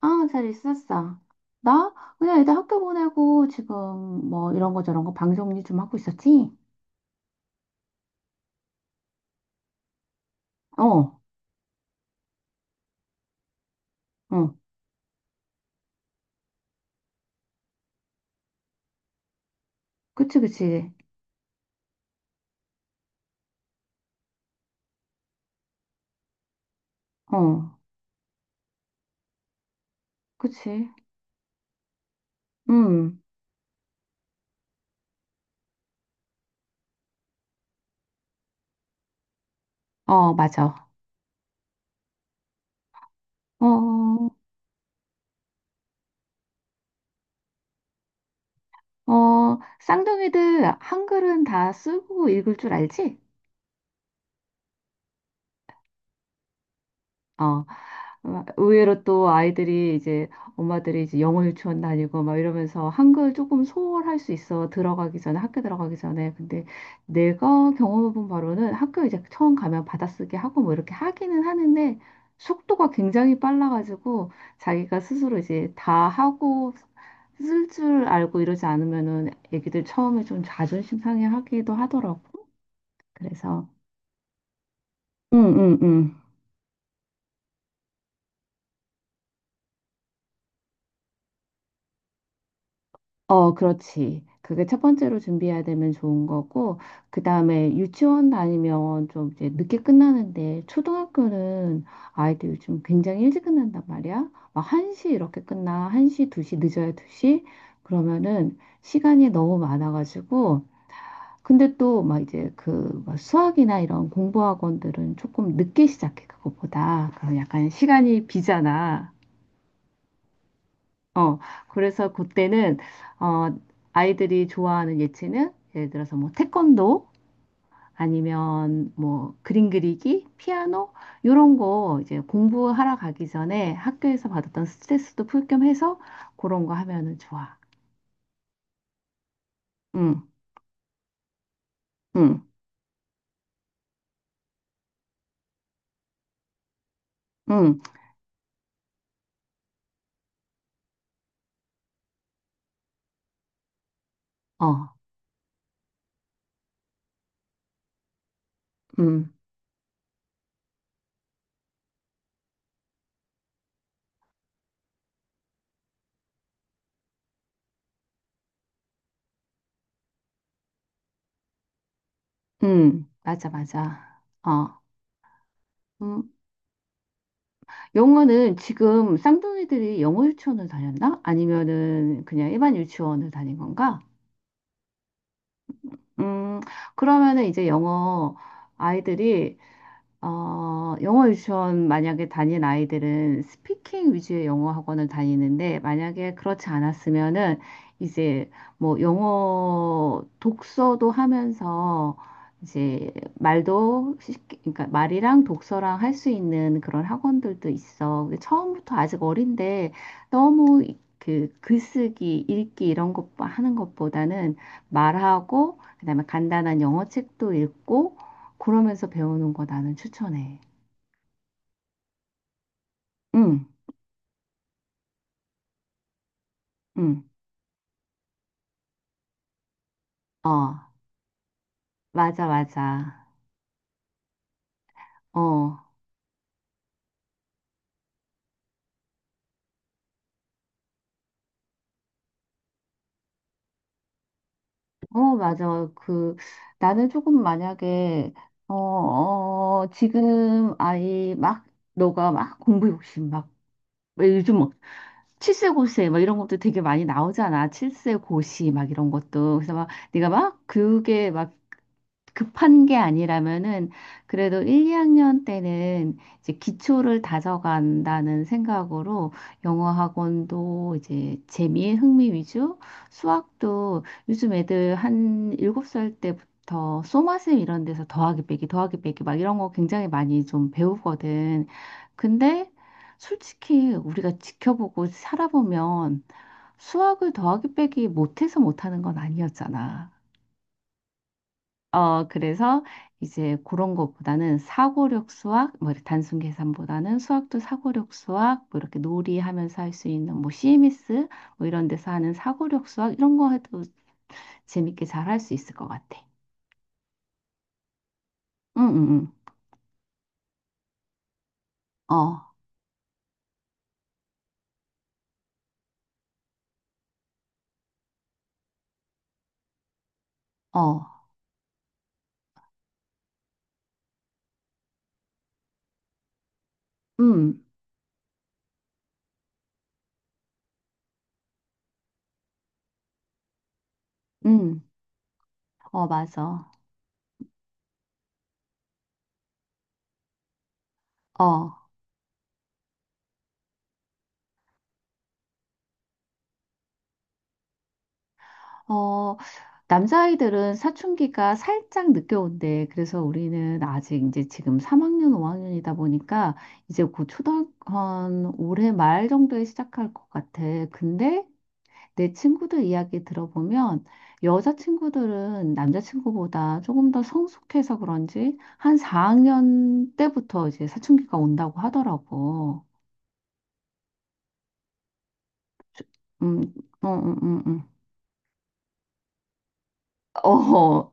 아, 잘 있었어. 나? 그냥 애들 학교 보내고 지금 뭐 이런 거 저런 거 방 정리 좀 하고 있었지? 어, 어, 그치, 그치. 어, 그치. 음. 어, 맞아. 어, 어, 쌍둥이들 한글은 다 쓰고 읽을 줄 알지? 어, 어, 의외로 또 아이들이 이제 엄마들이 이제 영어 유치원 다니고 막 이러면서 한글 조금 소홀할 수 있어, 들어가기 전에, 학교 들어가기 전에. 근데 내가 경험해본 바로는 학교 이제 처음 가면 받아쓰기 하고 뭐 이렇게 하기는 하는데, 속도가 굉장히 빨라가지고 자기가 스스로 이제 다 하고 쓸 줄 알고 이러지 않으면은 애기들 처음에 좀 자존심 상해하기도 하더라고. 그래서 응응응, 어, 그렇지. 그게 첫 번째로 준비해야 되면 좋은 거고, 그 다음에 유치원 다니면 좀 이제 늦게 끝나는데, 초등학교는 아이들 요즘 굉장히 일찍 끝난단 말이야. 막 1시 이렇게 끝나. 1시, 2시, 늦어야 2시. 그러면은 시간이 너무 많아가지고, 근데 또 막 이제 그막 수학이나 이런 공부 학원들은 조금 늦게 시작해, 그것보다. 그럼 약간 시간이 비잖아. 어, 그래서 그때는, 어, 아이들이 좋아하는 예체능, 예를 들어서 뭐 태권도, 아니면 뭐 그림 그리기, 피아노, 요런 거 이제 공부하러 가기 전에 학교에서 받았던 스트레스도 풀겸 해서 그런 거 하면은 좋아. 응, 응, 응, 어, 응, 응, 맞아, 맞아. 어, 음. 영어는 지금 쌍둥이들이 영어 유치원을 다녔나? 아니면은 그냥 일반 유치원을 다닌 건가? 음, 그러면은 이제 영어 아이들이 어, 영어 유치원 만약에 다닌 아이들은 스피킹 위주의 영어 학원을 다니는데, 만약에 그렇지 않았으면은 이제 뭐 영어 독서도 하면서 이제 말도 쉽게, 그러니까 말이랑 독서랑 할 수 있는 그런 학원들도 있어. 근데 처음부터 아직 어린데 너무 그 글쓰기, 읽기 이런 것 하는 것보다는 말하고 그다음에 간단한 영어 책도 읽고 그러면서 배우는 거 나는 추천해. 응, 응, 어, 맞아, 맞아. 어, 어, 맞아. 그, 나는 조금 만약에, 어, 어, 지금 아이 막, 너가 막 공부 욕심 막, 왜 요즘 뭐, 칠세고세 막 이런 것도 되게 많이 나오잖아. 칠세고시 막 이런 것도. 그래서 막, 네가 막, 그게 막 급한 게 아니라면은 그래도 1, 2학년 때는 이제 기초를 다져간다는 생각으로 영어 학원도 이제 재미, 흥미 위주, 수학도 요즘 애들 한 7살 때부터 소마셈 이런 데서 더하기 빼기, 더하기 빼기 막 이런 거 굉장히 많이 좀 배우거든. 근데 솔직히 우리가 지켜보고 살아보면 수학을 더하기 빼기 못해서 못하는 건 아니었잖아. 어, 그래서 이제 그런 것보다는 사고력 수학, 뭐 이렇게 단순 계산보다는 수학도 사고력 수학, 뭐 이렇게 놀이하면서 할 수 있는 뭐 CMS 뭐 이런 데서 하는 사고력 수학 이런 거 해도 재밌게 잘 할 수 있을 것 같아. 응, 응, 응. 어, 어, 음, 음, 어, 맞아. 어, 어, 남자아이들은 사춘기가 살짝 늦게 온대. 그래서 우리는 아직 이제 지금 3학년, 5학년이다 보니까 이제 곧 초등학교 한 올해 말 정도에 시작할 것 같아. 근데 내 친구들 이야기 들어보면 여자친구들은 남자친구보다 조금 더 성숙해서 그런지 한 4학년 때부터 이제 사춘기가 온다고 하더라고. 음, 음. 어,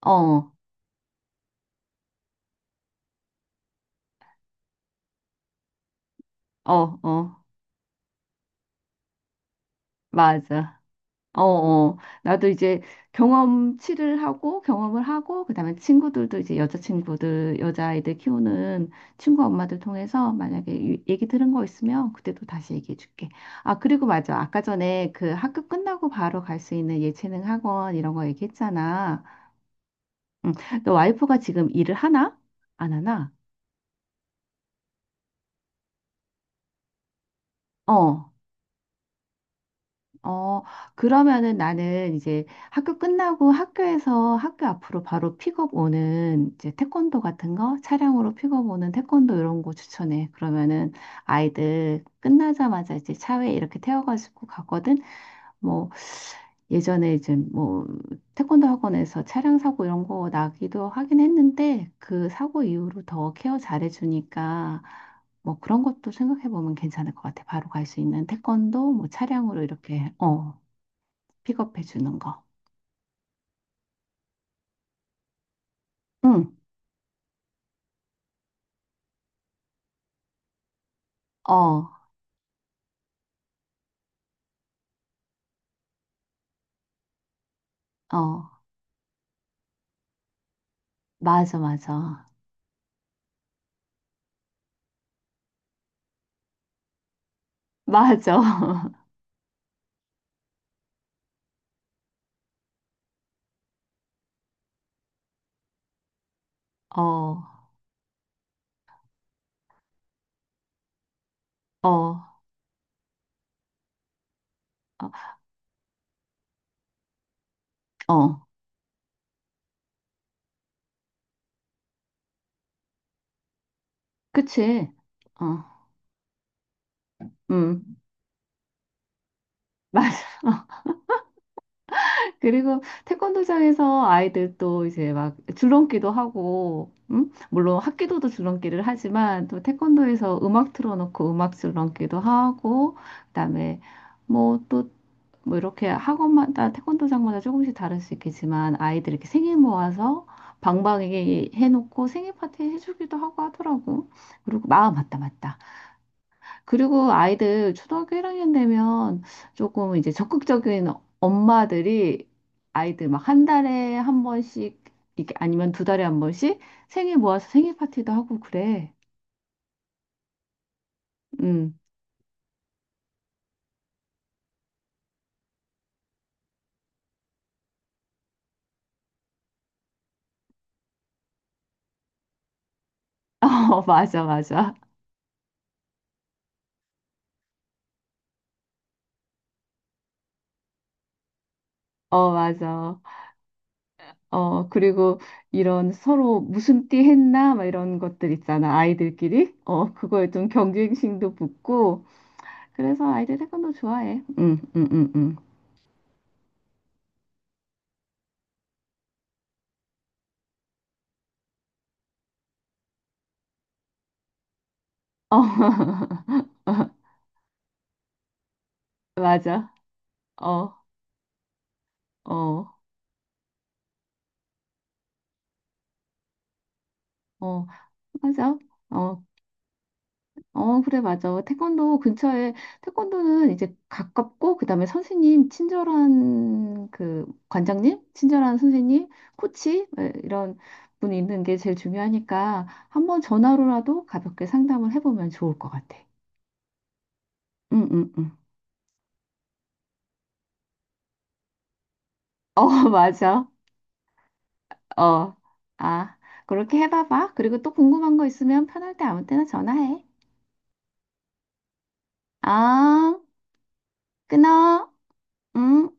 어, 어, 어, 맞아. 어, 어. 나도 이제 경험치를 하고 경험을 하고 그다음에 친구들도 이제 여자친구들, 여자아이들 키우는 친구 엄마들 통해서 만약에 얘기 들은 거 있으면 그때도 다시 얘기해 줄게. 아, 그리고 맞아. 아까 전에 그 학교 끝나고 바로 갈 수 있는 예체능 학원 이런 거 얘기했잖아. 응. 너 와이프가 지금 일을 하나? 안 하나? 어. 어, 그러면은 나는 이제 학교 끝나고 학교에서 학교 앞으로 바로 픽업 오는 이제 태권도 같은 거, 차량으로 픽업 오는 태권도 이런 거 추천해. 그러면은 아이들 끝나자마자 이제 차에 이렇게 태워가지고 가거든. 뭐 예전에 이제 뭐 태권도 학원에서 차량 사고 이런 거 나기도 하긴 했는데 그 사고 이후로 더 케어 잘해주니까 뭐 그런 것도 생각해 보면 괜찮을 것 같아. 바로 갈 수 있는 태권도, 뭐 차량으로 이렇게, 어, 픽업해 주는 거. 응. 어, 어. 맞아, 맞아. 맞아. 어, 어, 어. 어. 그치. 어. 응. 맞아. 그리고 태권도장에서 아이들 또 이제 막 줄넘기도 하고, 음? 물론 학기도도 줄넘기를 하지만 또 태권도에서 음악 틀어놓고 음악 줄넘기도 하고, 그다음에 뭐또 뭐 이렇게 학원마다 태권도장마다 조금씩 다를 수 있겠지만 아이들 이렇게 생일 모아서 방방이게 해놓고 생일 파티 해주기도 하고 하더라고. 그리고 마음 맞다 맞다. 그리고 아이들 초등학교 1학년 되면 조금 이제 적극적인 엄마들이 아이들 막 한 달에 한 번씩, 이렇게 아니면 두 달에 한 번씩 생일 모아서 생일 파티도 하고 그래. 음. 어, 맞아, 맞아. 어, 맞아. 어, 그리고 이런 서로 무슨 띠 했나, 막 이런 것들 있잖아, 아이들끼리. 어, 그거에 좀 경쟁심도 붙고. 그래서 아이들 태권도 좋아해. 응, 응, 응, 응. 어, 맞아. 어, 어, 어, 맞아. 어, 어, 그래, 맞아. 태권도 근처에, 태권도는 이제 가깝고, 그 다음에 선생님, 친절한 그 관장님, 친절한 선생님, 코치, 에, 이런 분이 있는 게 제일 중요하니까 한번 전화로라도 가볍게 상담을 해보면 좋을 것 같아. 응, 응, 응. 어, 맞아. 어, 아, 그렇게 해봐봐. 그리고 또 궁금한 거 있으면 편할 때 아무 때나 전화해. 아, 끊어. 응.